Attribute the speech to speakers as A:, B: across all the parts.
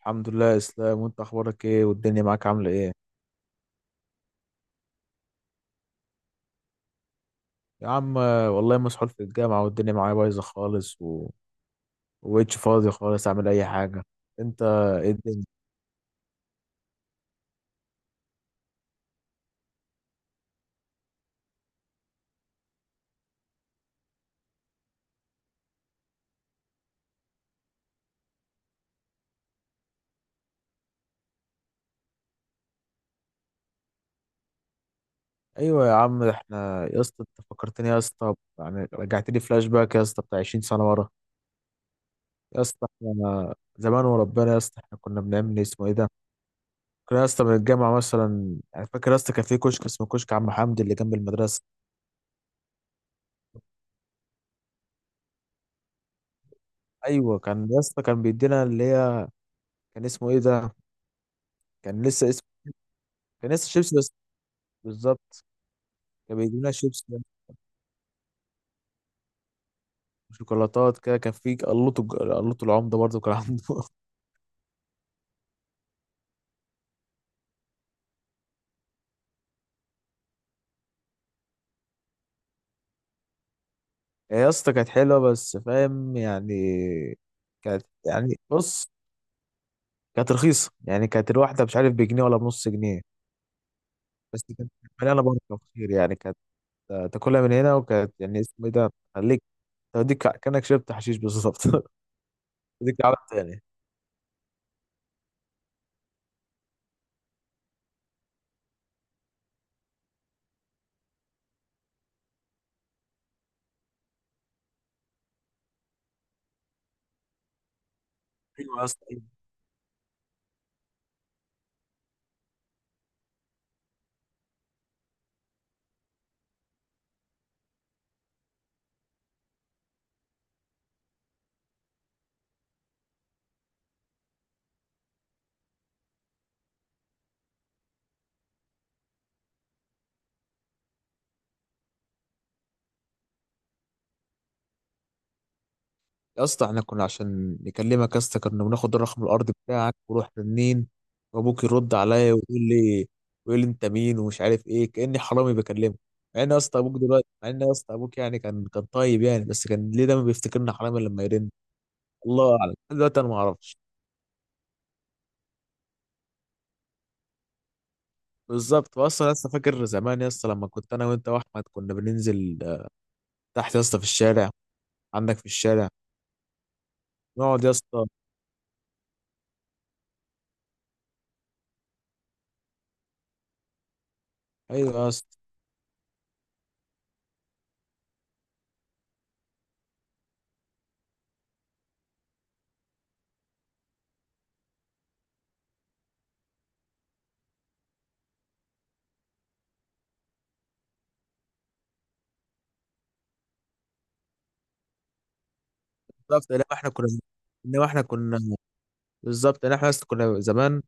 A: الحمد لله اسلام، وانت اخبارك ايه؟ والدنيا معاك عامله ايه؟ يا عم والله مسحول في الجامعه والدنيا معايا بايظه خالص ومبقتش فاضي خالص اعمل اي حاجه. انت؟ ايه الدنيا؟ ايوه يا عم، احنا يا اسطى انت فكرتني يا اسطى. يعني رجعت لي فلاش باك يا اسطى بتاع 20 سنه ورا. يا اسطى احنا زمان وربنا، يا اسطى احنا كنا بنعمل ايه؟ اسمه ايه ده؟ كنا يا اسطى من الجامعه مثلا يعني، فاكر يا اسطى كان في كشك اسمه كشك عم حمدي اللي جنب المدرسه. ايوه كان يا اسطى، كان بيدينا اللي هي كان اسمه ايه ده، كان لسه اسمه، كان لسه شيبسي. بالظبط. كان بيجيب لنا شيبسي وشوكولاتات كده، كان في قلوط قلوط العمده برضه كان عنده. يا اسطى كانت حلوه بس فاهم يعني، كانت يعني بص كانت رخيصه، يعني كانت الواحده مش عارف بجنيه ولا بنص جنيه. بس كانت مليانه بركه خير يعني، كانت تاكلها من هنا، وكانت يعني اسمه ايه ده، خليك، توديك كانك شربت حشيش بالظبط. توديك عالم تاني. ايوه يا اسطى. يا اسطى احنا كنا عشان نكلمك يا اسطى، كنا بناخد الرقم الارضي بتاعك ورحنا منين، وابوك يرد عليا ويقول لي انت مين ومش عارف ايه، كاني حرامي بكلمه. مع ان يا اسطى ابوك دلوقتي، مع ان يا اسطى ابوك يعني كان طيب يعني، بس كان ليه دايما بيفتكرنا حرامي لما يرن؟ الله اعلم، لحد دلوقتي انا ما اعرفش. بالظبط. اصلا لسه فاكر زمان يا اسطى لما كنت انا وانت واحمد كنا بننزل تحت يا اسطى في الشارع، عندك في الشارع نقعد يا اسطى. ايوه يا اسطى. بالظبط، لا احنا كنا، انما احنا كنا، بالظبط يعني، احنا اصلا كنا زمان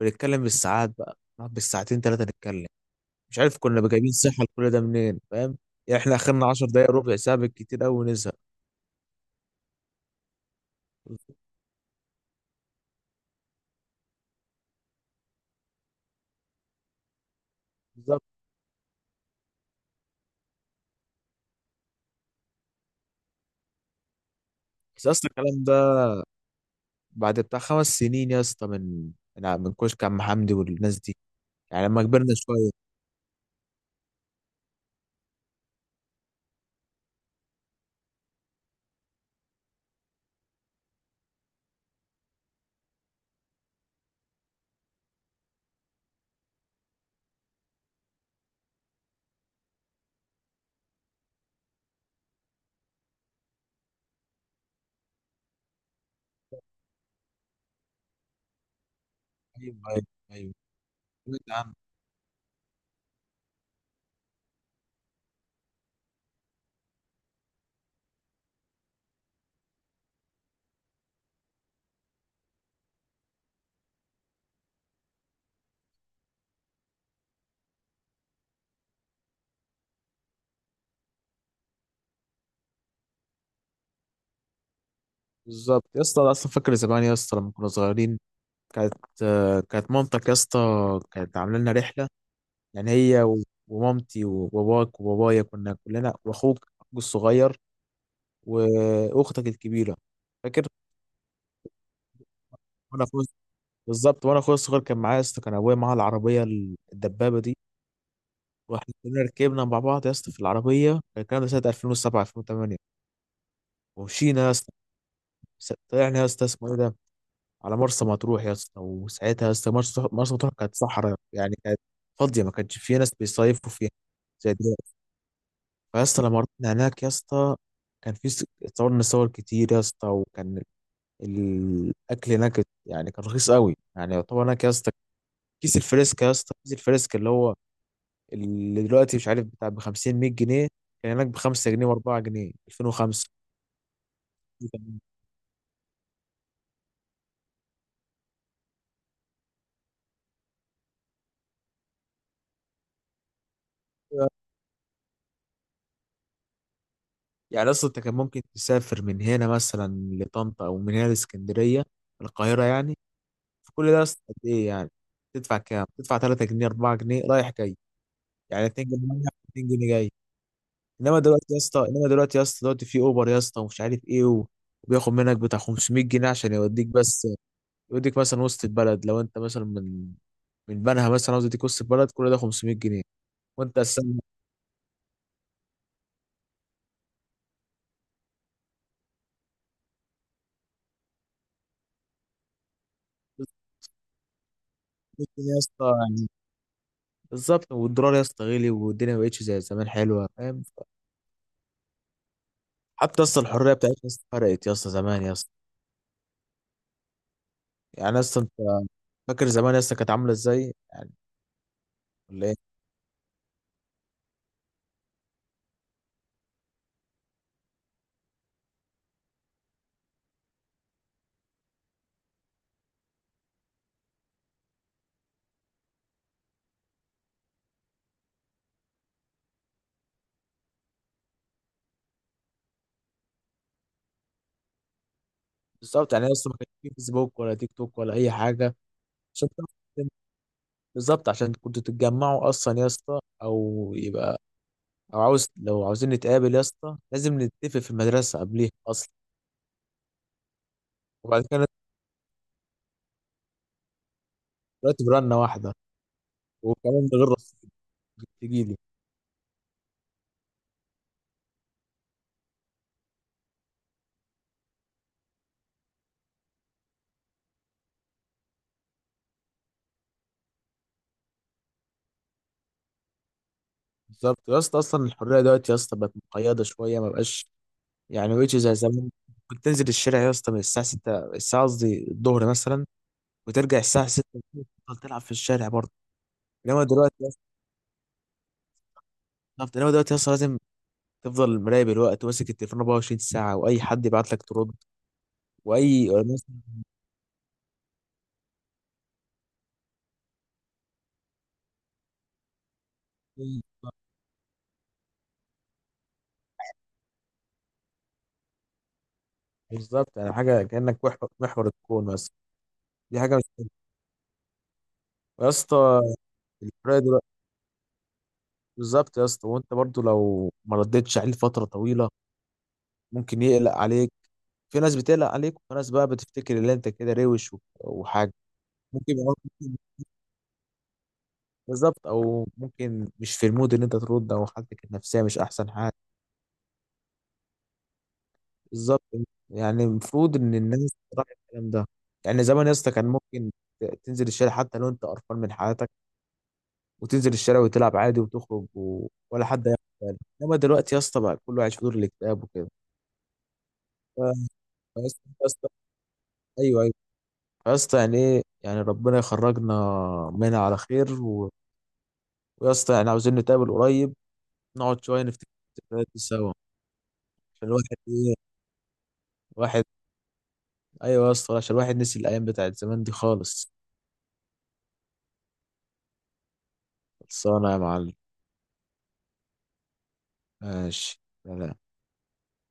A: بنتكلم بالساعات، بقى نقعد بالساعتين ثلاثة نتكلم. مش عارف كنا جايبين صحة لكل ده منين، فاهم؟ يعني احنا اخرنا 10 دقايق ربع ساعة بالكتير قوي ونزهق. بالظبط. بس اصل الكلام ده بعد بتاع خمس سنين يا اسطى، من من كشك عم حمدي والناس دي، يعني لما كبرنا شوية. ايوه ايوه ايوه. سمعت عنه. بالظبط يا اسطى، أنا اصلا فاكر زمان يا اسطى لما كنا صغيرين، كانت كانت مامتك يا اسطى كانت عامله لنا رحلة. يعني هي ومامتي وباباك وبابايا كنا كلنا، واخوك اخوك الصغير واختك الكبيره، فاكر؟ وانا اخويا، بالظبط، وانا اخويا الصغير كان معايا يا اسطى، كان ابويا معاه العربيه الدبابه دي. واحنا كلنا ركبنا مع بعض يا اسطى في العربيه، كان الكلام ده سنه 2007 2008. ومشينا يا اسطى، طلعنا يا اسطى اسمه ايه ده على مرسى مطروح يا اسطى. وساعتها يا اسطى مرسى مطروح كانت صحراء، يعني كانت فاضيه، ما كانش فيها ناس بيصيفوا فيها زي دلوقتي. فيا اسطى لما رحنا هناك يا اسطى، كان في اتصورنا صور كتير يا اسطى، وكان الاكل هناك يعني كان رخيص قوي، يعني يعتبر هناك يا اسطى كيس الفريسكا، يا اسطى كيس الفريسكا اللي هو اللي دلوقتي مش عارف بتاع ب 50 100 جنيه، كان هناك ب 5 جنيه و4 جنيه 2005. يعني اصلا انت كان ممكن تسافر من هنا مثلا لطنطا، او من هنا لاسكندريه، القاهره يعني، في كل ده اصلا قد ايه يعني؟ تدفع كام؟ تدفع 3 جنيه 4 جنيه رايح جاي، يعني 2 جنيه رايح 2 جنيه جاي. انما دلوقتي يا اسطى دلوقتي في اوبر يا اسطى ومش عارف ايه وبياخد منك بتاع 500 جنيه عشان يوديك بس، يوديك مثلا وسط البلد لو انت مثلا من بنها مثلا عاوز يديك وسط البلد كل ده 500 جنيه. وانت اساسا 500 جنيه يا اسطى يعني، بالظبط. والدولار يا اسطى غلي، والدنيا ما بقتش زي زمان حلوه، فاهم؟ حتى يا اسطى الحريه بتاعتنا يا اسطى فرقت يا اسطى، زمان يا اسطى، يعني يا اسطى انت فاكر زمان يا اسطى كانت عامله ازاي يعني؟ ولا ايه؟ بالظبط، يعني يا اسطى ما كانش في فيسبوك ولا تيك توك ولا اي حاجه عشان تعرف. بالظبط، عشان كنتوا تتجمعوا اصلا يا اسطى، او يبقى، او عاوز لو عاوزين نتقابل يا اسطى لازم نتفق في المدرسه قبليها اصلا، وبعد كده نطلع. دلوقتي برنه واحده، وكمان ده غير رصيد، تجيلي. بالظبط يا اسطى، اصلا الحريه دلوقتي يا اسطى بقت مقيده شويه، ما بقاش، يعني مبقتش زي زمان. كنت تنزل الشارع يا اسطى من الساعه 6، الساعه قصدي الظهر مثلا، وترجع الساعه 6، تفضل تلعب في الشارع برضه. انما دلوقتي يا اسطى انما دلوقتي يا اسطى لازم تفضل مراقب الوقت وماسك التليفون 24 ساعه، واي حد يبعت لك ترد، واي مم. بالظبط يعني، حاجه كانك محور محور الكون مثلا، دي حاجه مش حلوة. يا اسطى الفرق دلوقتي، بالظبط يا اسطى، وانت برضو لو ما ردتش عليه لفتره طويله ممكن يقلق عليك، في ناس بتقلق عليك، وفي ناس بقى بتفتكر ان انت كده روش وحاجه، ممكن يبقى، بالظبط، او ممكن مش في المود ان انت ترد، او حالتك النفسيه مش احسن حاجه. بالظبط، يعني المفروض ان الناس تراعي الكلام ده. يعني زمان يا اسطى كان ممكن تنزل الشارع حتى لو انت قرفان من حياتك، وتنزل الشارع وتلعب عادي وتخرج ولا حد هياخد باله. انما دلوقتي يا اسطى بقى كله عايش في دور الاكتئاب وكده. ف- فيا اسطى، يا اسطى، ايوه ايوه يا اسطى يعني ايه، يعني ربنا يخرجنا منها على خير ويا اسطى يعني عاوزين نتقابل قريب، نقعد شويه نفتكر الذكريات دي سوا، عشان الواحد ايه، الواحد، ايوه يا اسطى عشان الواحد نسي الايام بتاعت زمان دي خالص. خلصانه يا معلم، ماشي، سلام.